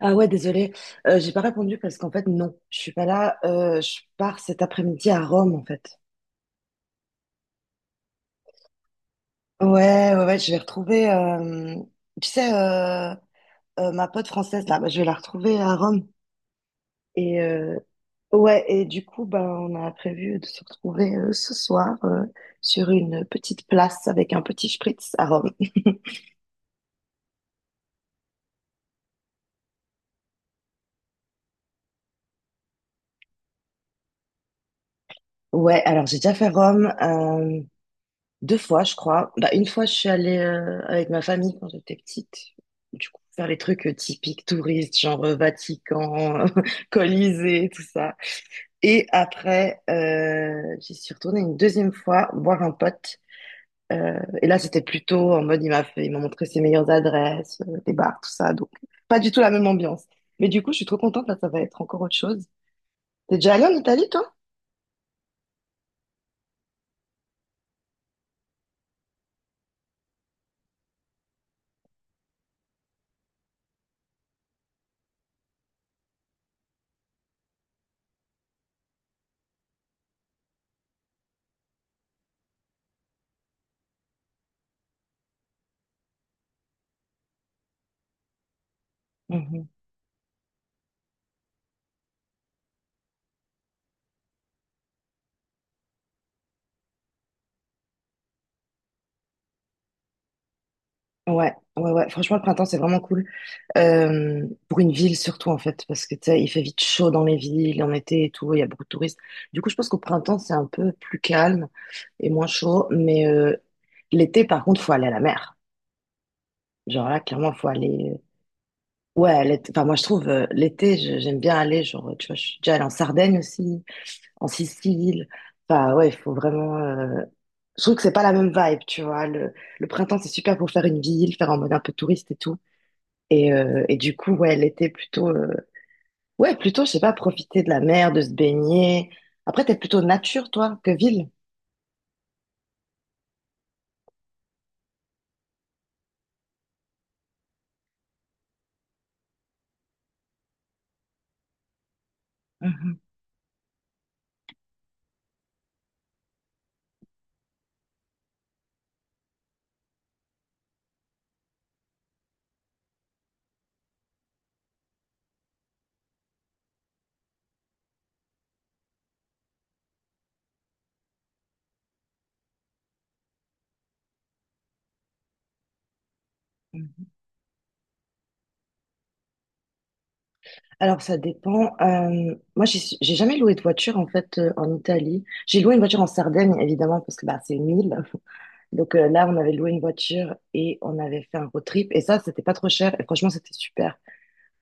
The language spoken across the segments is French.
Ah ouais, désolée, j'ai pas répondu parce qu'en fait, non, je suis pas là. Je pars cet après-midi à Rome, en fait. Ouais, ouais, ouais, je vais retrouver, tu sais, ma pote française, là, bah, je vais la retrouver à Rome. Et ouais, et du coup, bah, on a prévu de se retrouver ce soir sur une petite place avec un petit spritz à Rome. Ouais, alors j'ai déjà fait Rome. Deux fois, je crois. Bah, une fois, je suis allée avec ma famille quand j'étais petite. Du coup, faire les trucs typiques touristes, genre Vatican, Colisée, tout ça. Et après, j'y suis retournée une deuxième fois voir un pote. Et là, c'était plutôt en mode, il m'a montré ses meilleures adresses, des bars, tout ça. Donc, pas du tout la même ambiance. Mais du coup, je suis trop contente. Là, ça va être encore autre chose. T'es déjà allée en Italie, toi? Ouais, ouais, ouais. Franchement, le printemps, c'est vraiment cool. Pour une ville surtout, en fait, parce que tu sais, il fait vite chaud dans les villes, en été et tout, il y a beaucoup de touristes. Du coup, je pense qu'au printemps, c'est un peu plus calme et moins chaud. Mais l'été, par contre, faut aller à la mer. Genre là, clairement, faut aller. Ouais, enfin, moi, je trouve l'été, j'aime bien aller. Genre, tu vois, je suis déjà allée en Sardaigne aussi, en Sicile. Enfin, ouais, il faut vraiment. Je trouve que c'est pas la même vibe, tu vois. Le printemps, c'est super pour faire une ville, faire en mode un peu touriste et tout. Et du coup, ouais, l'été plutôt, ouais, plutôt, je sais pas, profiter de la mer, de se baigner. Après, t'es plutôt nature, toi, que ville. Mhm. Alors, ça dépend. Moi, j'ai jamais loué de voiture, en fait, en Italie. J'ai loué une voiture en Sardaigne, évidemment, parce que bah, c'est une île. Donc là, on avait loué une voiture et on avait fait un road trip. Et ça, c'était pas trop cher. Et franchement, c'était super.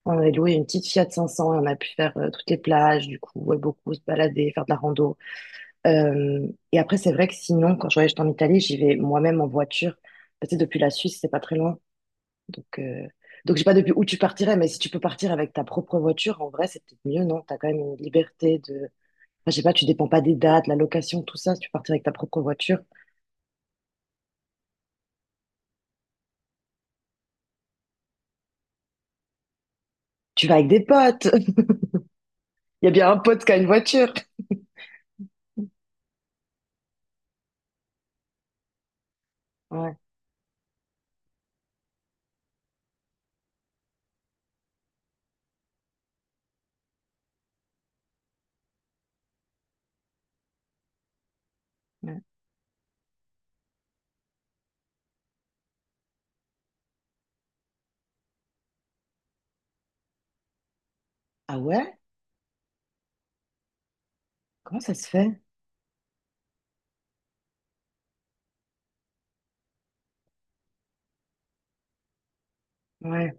On avait loué une petite Fiat 500 et on a pu faire toutes les plages, du coup, ouais, beaucoup se balader, faire de la rando. Euh, et après, c'est vrai que sinon, quand je voyage en Italie, j'y vais moi-même en voiture. Parce que depuis la Suisse, c'est pas très loin. Donc, euh... donc, je sais pas depuis où tu partirais, mais si tu peux partir avec ta propre voiture, en vrai, c'est peut-être mieux, non? T'as quand même une liberté de, enfin, je sais pas, tu dépends pas des dates, la location, tout ça. Si tu partir avec ta propre voiture, tu vas avec des potes. Il y a bien un pote qui a une voiture. Ouais, ouais. Ah ouais? Comment ça se fait? Ouais.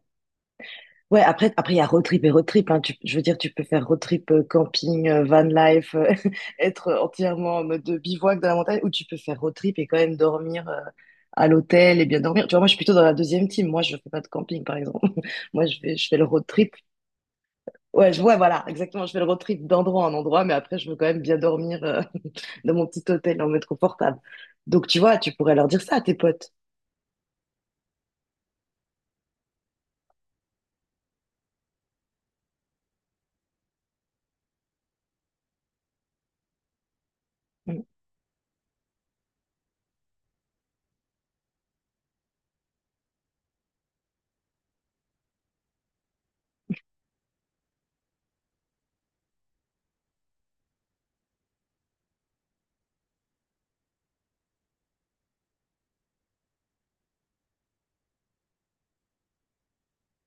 Ouais, après, il y a road trip et road trip, hein. Je veux dire, tu peux faire road trip, camping, van life, être entièrement en mode bivouac dans la montagne, ou tu peux faire road trip et quand même dormir, à l'hôtel et bien dormir. Tu vois, moi, je suis plutôt dans la deuxième team. Moi, je fais pas de camping, par exemple. Moi, je fais le road trip. Ouais, je vois, voilà, exactement. Je fais le road trip d'endroit en endroit, mais après, je veux quand même bien dormir, dans mon petit hôtel en mode confortable. Donc, tu vois, tu pourrais leur dire ça à tes potes.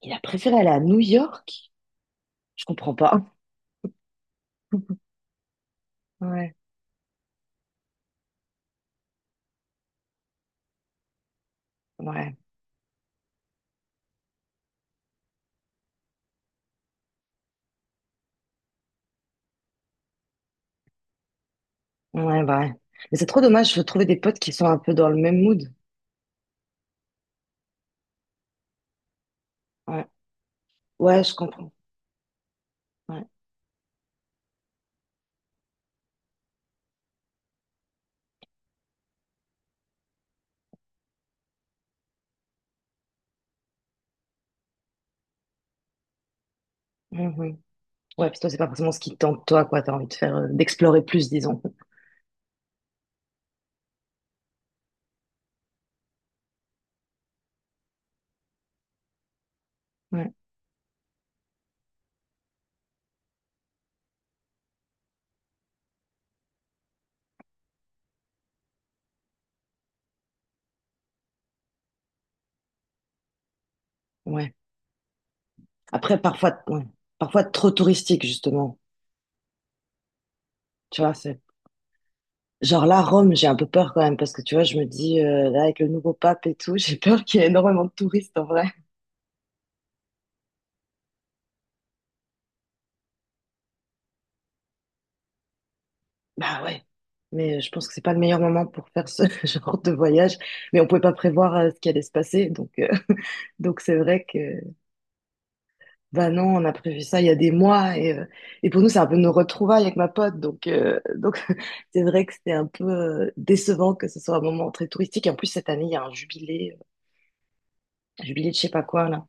Il a préféré aller à New York? Je comprends pas. Ouais, ouais, ouais, bah ouais. Mais c'est trop dommage, je veux trouver des potes qui sont un peu dans le même mood. Ouais, ouais, je comprends. Ouais, mhm. Ouais, puis toi, c'est pas forcément ce qui te tente, toi, quoi. T'as envie de faire, d'explorer plus, disons. Ouais, ouais. Après, parfois, ouais. Parfois trop touristique, justement. Tu vois, c'est. Genre là, Rome, j'ai un peu peur quand même, parce que tu vois, je me dis, là, avec le nouveau pape et tout, j'ai peur qu'il y ait énormément de touristes en vrai. Bah ouais, mais je pense que c'est pas le meilleur moment pour faire ce genre de voyage. Mais on pouvait pas prévoir ce qui allait se passer, donc donc c'est vrai que bah non, on a prévu ça il y a des mois et pour nous c'est un peu nos retrouvailles avec ma pote, donc c'est vrai que c'était un peu décevant que ce soit un moment très touristique. Et en plus cette année il y a un jubilé de je sais pas quoi là.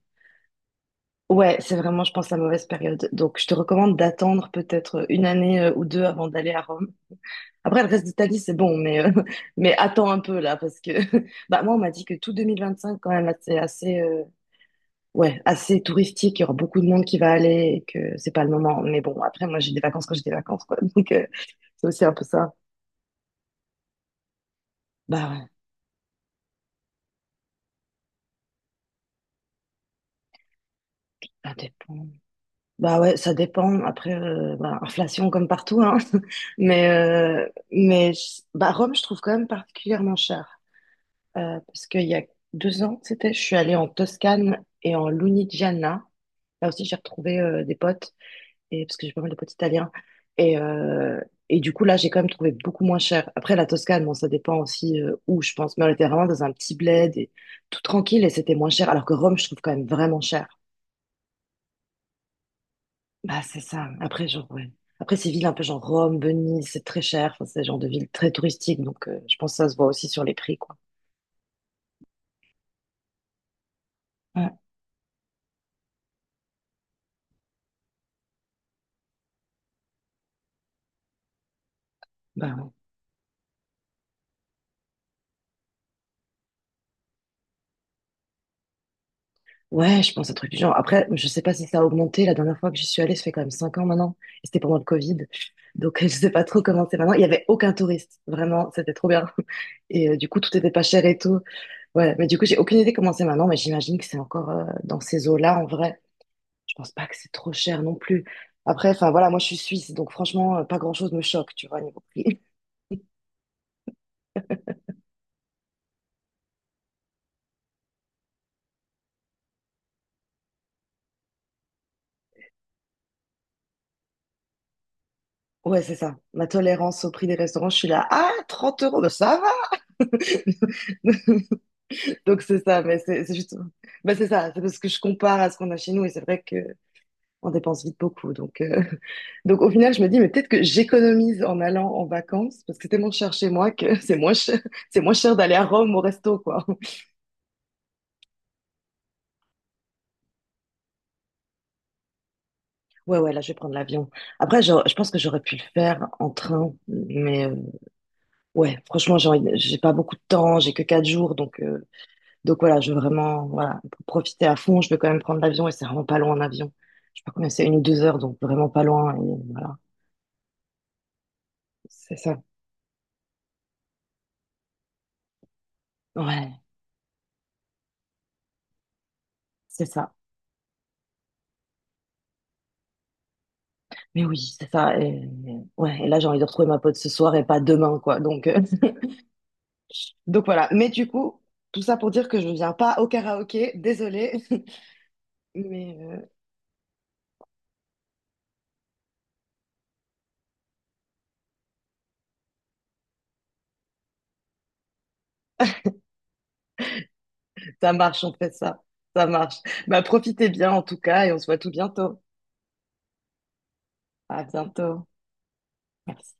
Ouais, c'est vraiment je pense la mauvaise période. Donc je te recommande d'attendre peut-être une année ou deux avant d'aller à Rome. Après, le reste d'Italie, c'est bon, mais, mais attends un peu là, parce que bah, moi, on m'a dit que tout 2025, quand même, là, c'est assez, ouais, assez touristique. Il y aura beaucoup de monde qui va aller et que c'est pas le moment. Mais bon, après, moi, j'ai des vacances quand j'ai des vacances, quoi. Donc, c'est aussi un peu ça. Bah ouais, ça dépend. Bah ouais, ça dépend. Après, bah, inflation comme partout, hein. Mais bah, Rome, je trouve quand même particulièrement cher. Parce qu'il y a 2 ans, c'était, je suis allée en Toscane et en Lunigiana. Là aussi, j'ai retrouvé des potes, parce que j'ai pas mal de potes italiens. Et, euh, et du coup, là, j'ai quand même trouvé beaucoup moins cher. Après, la Toscane, bon, ça dépend aussi où, je pense. Mais on était vraiment dans un petit bled, et tout tranquille, et c'était moins cher. Alors que Rome, je trouve quand même vraiment cher. Bah, c'est ça. Après, genre, ouais. Après, ces villes un peu genre Rome, Venise, c'est très cher. Enfin, c'est le genre de ville très touristique, donc je pense que ça se voit aussi sur les prix, quoi. Ouais, bah ouais. Ouais, je pense un truc du genre. Après, je sais pas si ça a augmenté. La dernière fois que j'y suis allée, ça fait quand même 5 ans maintenant. Et c'était pendant le Covid. Donc, je sais pas trop comment c'est maintenant. Il y avait aucun touriste. Vraiment, c'était trop bien. Et du coup, tout était pas cher et tout. Ouais, mais du coup, j'ai aucune idée comment c'est maintenant. Mais j'imagine que c'est encore dans ces eaux-là, en vrai. Je pense pas que c'est trop cher non plus. Après, enfin voilà, moi je suis suisse, donc franchement, pas grand-chose me choque, tu vois, niveau prix. Ouais, c'est ça. Ma tolérance au prix des restaurants, je suis là, ah, 30 euros, ben ça va. Donc c'est ça, mais c'est juste, bah c'est ça, c'est parce que je compare à ce qu'on a chez nous et c'est vrai que on dépense vite beaucoup. Donc donc au final, je me dis mais peut-être que j'économise en allant en vacances parce que c'est tellement cher chez moi que c'est moins cher d'aller à Rome au resto quoi. Ouais ouais, là je vais prendre l'avion. Après je pense que j'aurais pu le faire en train, mais ouais, franchement j'ai pas beaucoup de temps, j'ai que 4 jours donc. Donc voilà, je veux vraiment voilà, pour profiter à fond. Je vais quand même prendre l'avion et c'est vraiment pas loin en avion. Je sais pas combien c'est, 1 ou 2 heures, donc vraiment pas loin. Et voilà, c'est ça. Ouais, c'est ça. Mais oui, c'est ça. Et là, j'ai envie de retrouver ma pote ce soir et pas demain, quoi. Donc, donc voilà. Mais du coup, tout ça pour dire que je ne viens pas au karaoké, désolée. Mais ça marche, on fait ça. Ça marche. Bah, profitez bien en tout cas et on se voit tout bientôt. À bientôt. Merci.